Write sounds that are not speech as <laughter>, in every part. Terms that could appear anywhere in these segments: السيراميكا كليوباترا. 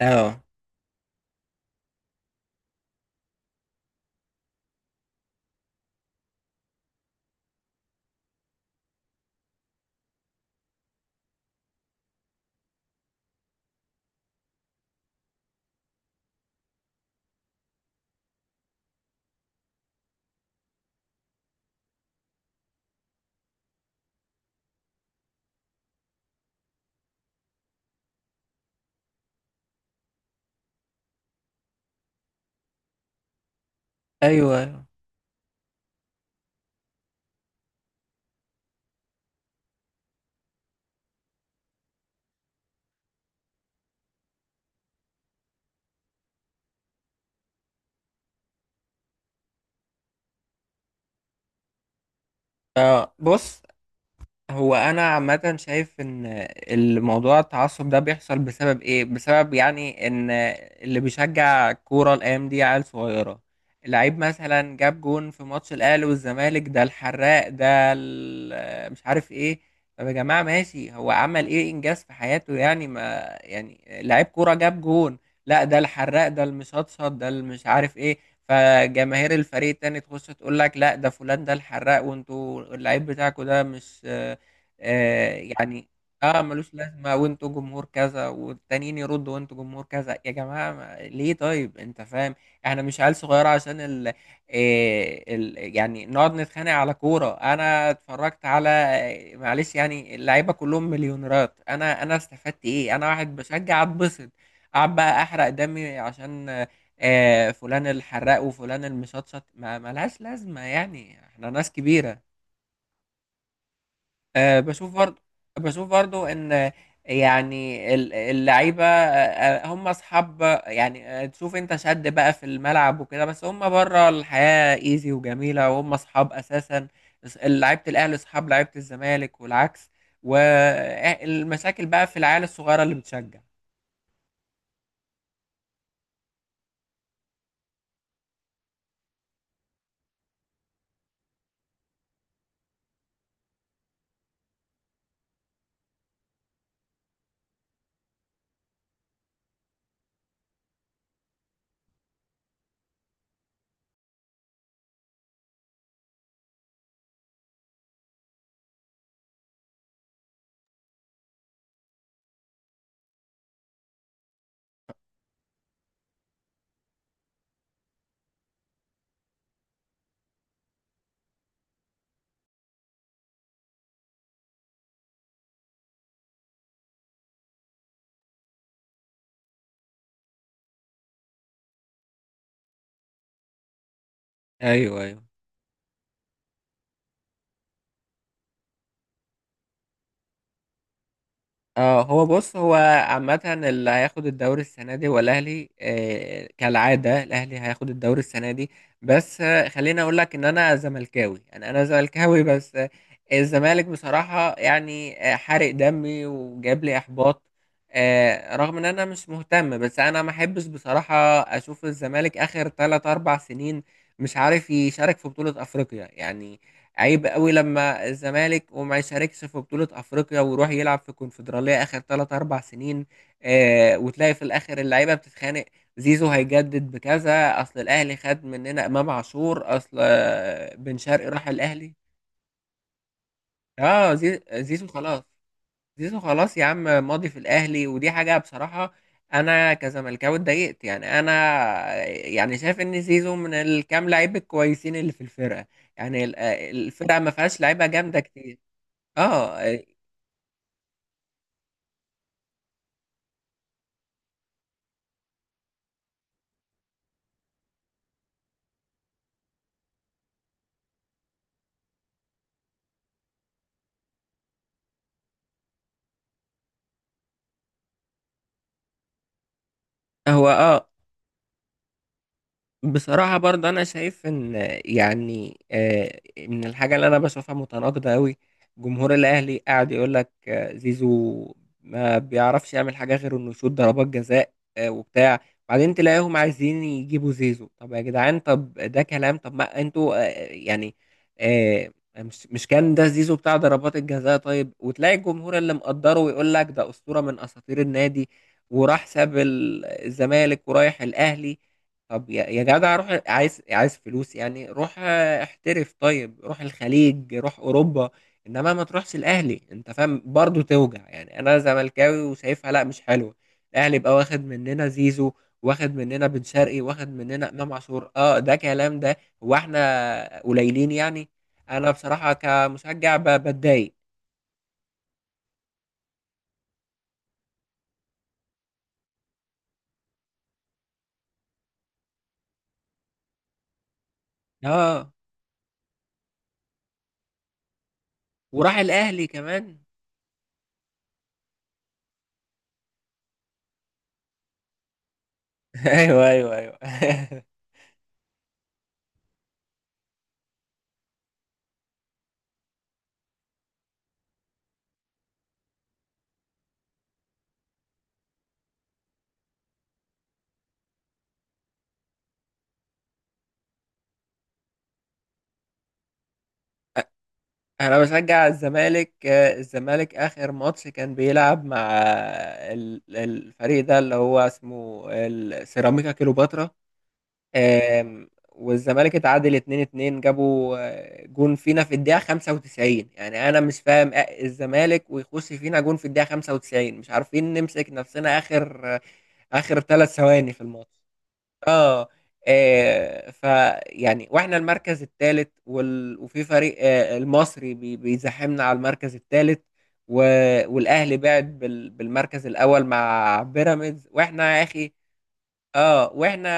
اه، ايوه، ايوه، اه، بص هو انا عامه شايف ان الموضوع التعصب ده بيحصل بسبب ايه، بسبب يعني ان اللي بيشجع كوره الايام دي عيال صغيره. اللعيب مثلا جاب جون في ماتش الاهلي والزمالك، ده الحراق، ده مش عارف ايه. طب يا جماعه ماشي، هو عمل ايه انجاز في حياته؟ يعني ما يعني لعيب كوره جاب جون، لا ده الحراق، ده المشطشط، ده المش عارف ايه. فجماهير الفريق التاني تخش تقول لك لا ده فلان، ده الحراق، وانتوا اللعيب بتاعكوا ده مش يعني. اه، ملوش لازمة، وانتوا جمهور كذا، والتانيين يردوا وانتوا جمهور كذا، يا جماعة ليه؟ طيب انت فاهم، احنا مش عيال صغيرة عشان يعني نقعد نتخانق على كورة. انا اتفرجت على معلش، يعني اللعيبة كلهم مليونيرات، انا استفدت ايه؟ انا واحد بشجع اتبسط، قاعد بقى احرق دمي عشان فلان الحراق وفلان المشطشط، ما ملهاش لازمة، يعني احنا ناس كبيرة. أه، بشوف برضو ان يعني اللعيبه أه، آه، هم اصحاب. يعني تشوف انت شد بقى في الملعب وكده، بس هم بره الحياه ايزي وجميله، وهم اصحاب اساسا. لعيبه الاهلي اصحاب لعيبه الزمالك والعكس، والمشاكل بقى في العيال الصغيره اللي بتشجع. ايوه، ايوه، اه، هو بص هو عامة اللي هياخد الدوري السنة دي هو الأهلي، كالعادة الأهلي هياخد الدوري السنة دي. بس خليني أقول لك إن أنا زملكاوي، يعني أنا زملكاوي. بس الزمالك بصراحة يعني حارق دمي وجاب لي إحباط. رغم إن أنا مش مهتم، بس أنا ما أحبش بصراحة أشوف الزمالك آخر 3 أربع سنين مش عارف يشارك في بطولة أفريقيا. يعني عيب قوي لما الزمالك وما يشاركش في بطولة أفريقيا ويروح يلعب في الكونفدرالية آخر 3 أربع سنين. وتلاقي في الآخر اللعيبة بتتخانق. زيزو هيجدد بكذا، أصل الأهلي خد مننا إمام عاشور، أصل بن شرقي راح الأهلي. زيزو خلاص، زيزو خلاص يا عم، ماضي في الأهلي، ودي حاجة بصراحة أنا كزملكاوي اتضايقت، يعني أنا يعني شايف إن زيزو من الكام لعيب الكويسين اللي في الفرقة. يعني الفرقة ما فيهاش لعيبة جامدة كتير. اه، هو بصراحة برضه أنا شايف إن يعني من الحاجة اللي أنا بشوفها متناقضة أوي، جمهور الأهلي قاعد يقول لك زيزو ما بيعرفش يعمل حاجة غير إنه يشوط ضربات جزاء وبتاع. بعدين تلاقيهم عايزين يجيبوا زيزو. طب يا جدعان، طب ده كلام؟ طب ما أنتوا آه، مش كان ده زيزو بتاع ضربات الجزاء؟ طيب وتلاقي الجمهور اللي مقدره ويقول لك ده أسطورة من أساطير النادي، وراح ساب الزمالك ورايح الأهلي. طب يا جدع، روح، عايز فلوس يعني، روح احترف، طيب روح الخليج، روح اوروبا. انما ما تروحش الاهلي، انت فاهم برضو توجع، يعني انا زملكاوي وشايفها لا مش حلوه. الاهلي بقى واخد مننا زيزو، واخد مننا بن شرقي، واخد مننا امام عاشور. اه، ده كلام ده؟ هو احنا قليلين يعني؟ انا بصراحه كمشجع بتضايق. اه، وراح الاهلي كمان. <laughs> ايوه، ايوه، ايوه. <laughs> انا بشجع الزمالك. الزمالك اخر ماتش كان بيلعب مع الفريق ده اللي هو اسمه السيراميكا كليوباترا. والزمالك اتعادل 2-2، جابوا جون فينا في الدقيقة 95. يعني انا مش فاهم الزمالك ويخش فينا جون في الدقيقة 95، مش عارفين نمسك نفسنا اخر ثلاث ثواني في الماتش. اه، آه، ف يعني واحنا المركز الثالث، وفي فريق المصري بيزاحمنا على المركز الثالث، و... والاهلي بعد بالمركز الاول مع بيراميدز، واحنا يا اخي. اه، واحنا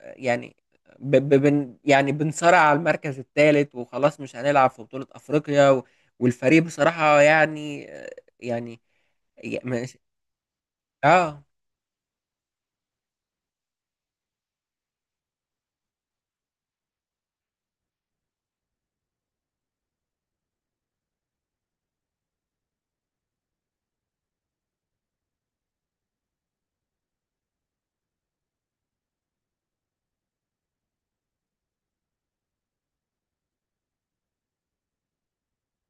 يعني يعني بنصارع على المركز الثالث وخلاص، مش هنلعب في بطولة افريقيا، والفريق بصراحة يعني يعني مش... اه،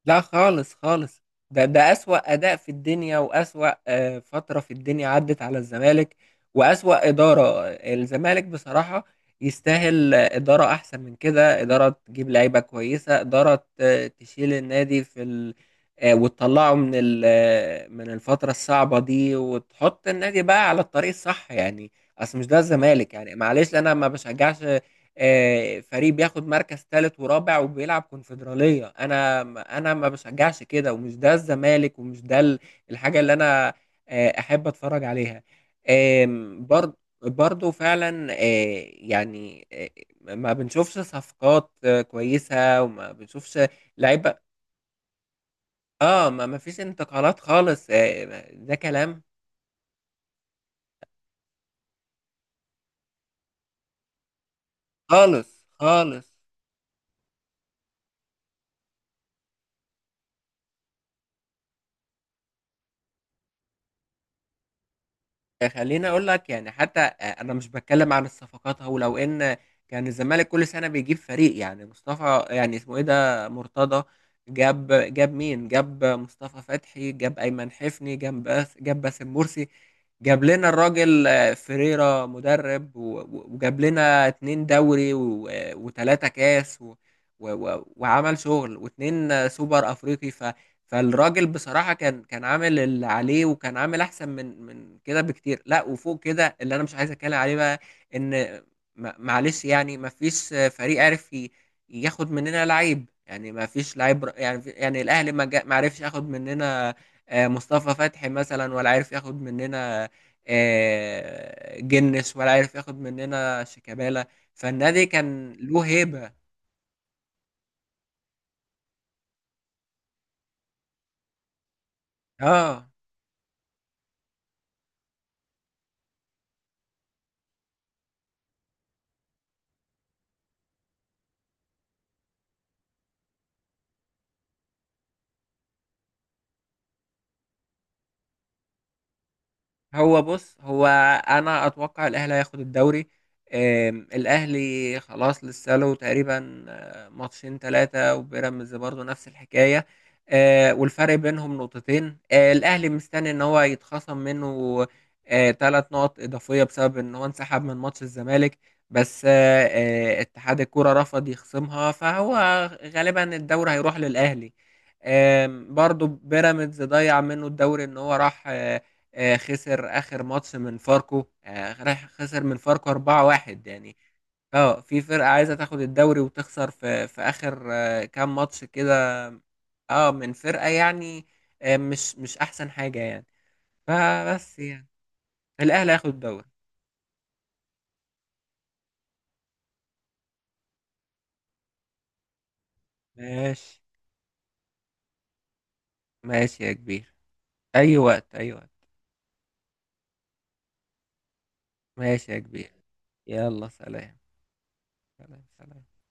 لا، خالص خالص. ده أسوأ أداء في الدنيا، وأسوأ فترة في الدنيا عدت على الزمالك، وأسوأ إدارة الزمالك بصراحة. يستاهل إدارة أحسن من كده، إدارة تجيب لعيبة كويسة، إدارة تشيل النادي في ال... آه، وتطلعه من ال... آه، من الفترة الصعبة دي، وتحط النادي بقى على الطريق الصح يعني. أصل مش ده الزمالك، يعني معلش أنا ما بشجعش فريق بياخد مركز ثالث ورابع وبيلعب كونفدرالية. انا ما بشجعش كده، ومش ده الزمالك، ومش ده الحاجة اللي انا احب اتفرج عليها. برضه فعلا يعني ما بنشوفش صفقات كويسة، وما بنشوفش لعيبة. اه، ما فيش انتقالات خالص. ده كلام؟ خالص خالص. خليني اقول لك يعني حتى انا مش بتكلم عن الصفقات. هو لو ان كان الزمالك كل سنه بيجيب فريق، يعني مصطفى، يعني اسمه ايه، ده مرتضى. جاب مين؟ جاب مصطفى فتحي، جاب ايمن حفني، جاب باسم مرسي، جاب لنا الراجل فريرة مدرب، وجاب لنا اتنين دوري، وتلاتة كاس، و- وعمل شغل، واتنين سوبر افريقي. فالراجل بصراحة كان عامل اللي عليه، وكان عامل أحسن من كده بكتير. لا، وفوق كده اللي أنا مش عايز أتكلم عليه بقى، إن معلش، يعني ما فيش فريق عارف ياخد مننا لعيب. يعني ما فيش لعيب، يعني يعني الأهلي ما عرفش ياخد مننا مصطفى فتحي مثلا، ولا عارف ياخد مننا جنس، ولا عارف ياخد مننا شيكابالا. فالنادي كان له هيبة. اه، هو بص هو انا اتوقع الاهلي هياخد الدوري. الاهلي خلاص لسه له تقريبا ماتشين ثلاثه، وبيراميدز برضه نفس الحكايه. والفرق بينهم نقطتين. الاهلي مستني ان هو يتخصم منه ثلاث نقط اضافيه بسبب ان هو انسحب من ماتش الزمالك، بس اتحاد الكوره رفض يخصمها، فهو غالبا الدوري هيروح للأهلي. برضو بيراميدز ضيع منه الدوري، ان هو راح خسر اخر ماتش من فاركو. راح خسر من فاركو 4-1. يعني اه، في فرقة عايزة تاخد الدوري وتخسر في اخر كام ماتش كده، اه، من فرقة يعني مش احسن حاجة يعني، فبس يعني الاهلي هياخد الدوري. ماشي، ماشي يا كبير، اي وقت، اي وقت. ماشي يا كبير. يلا، سلام. سلام، سلام.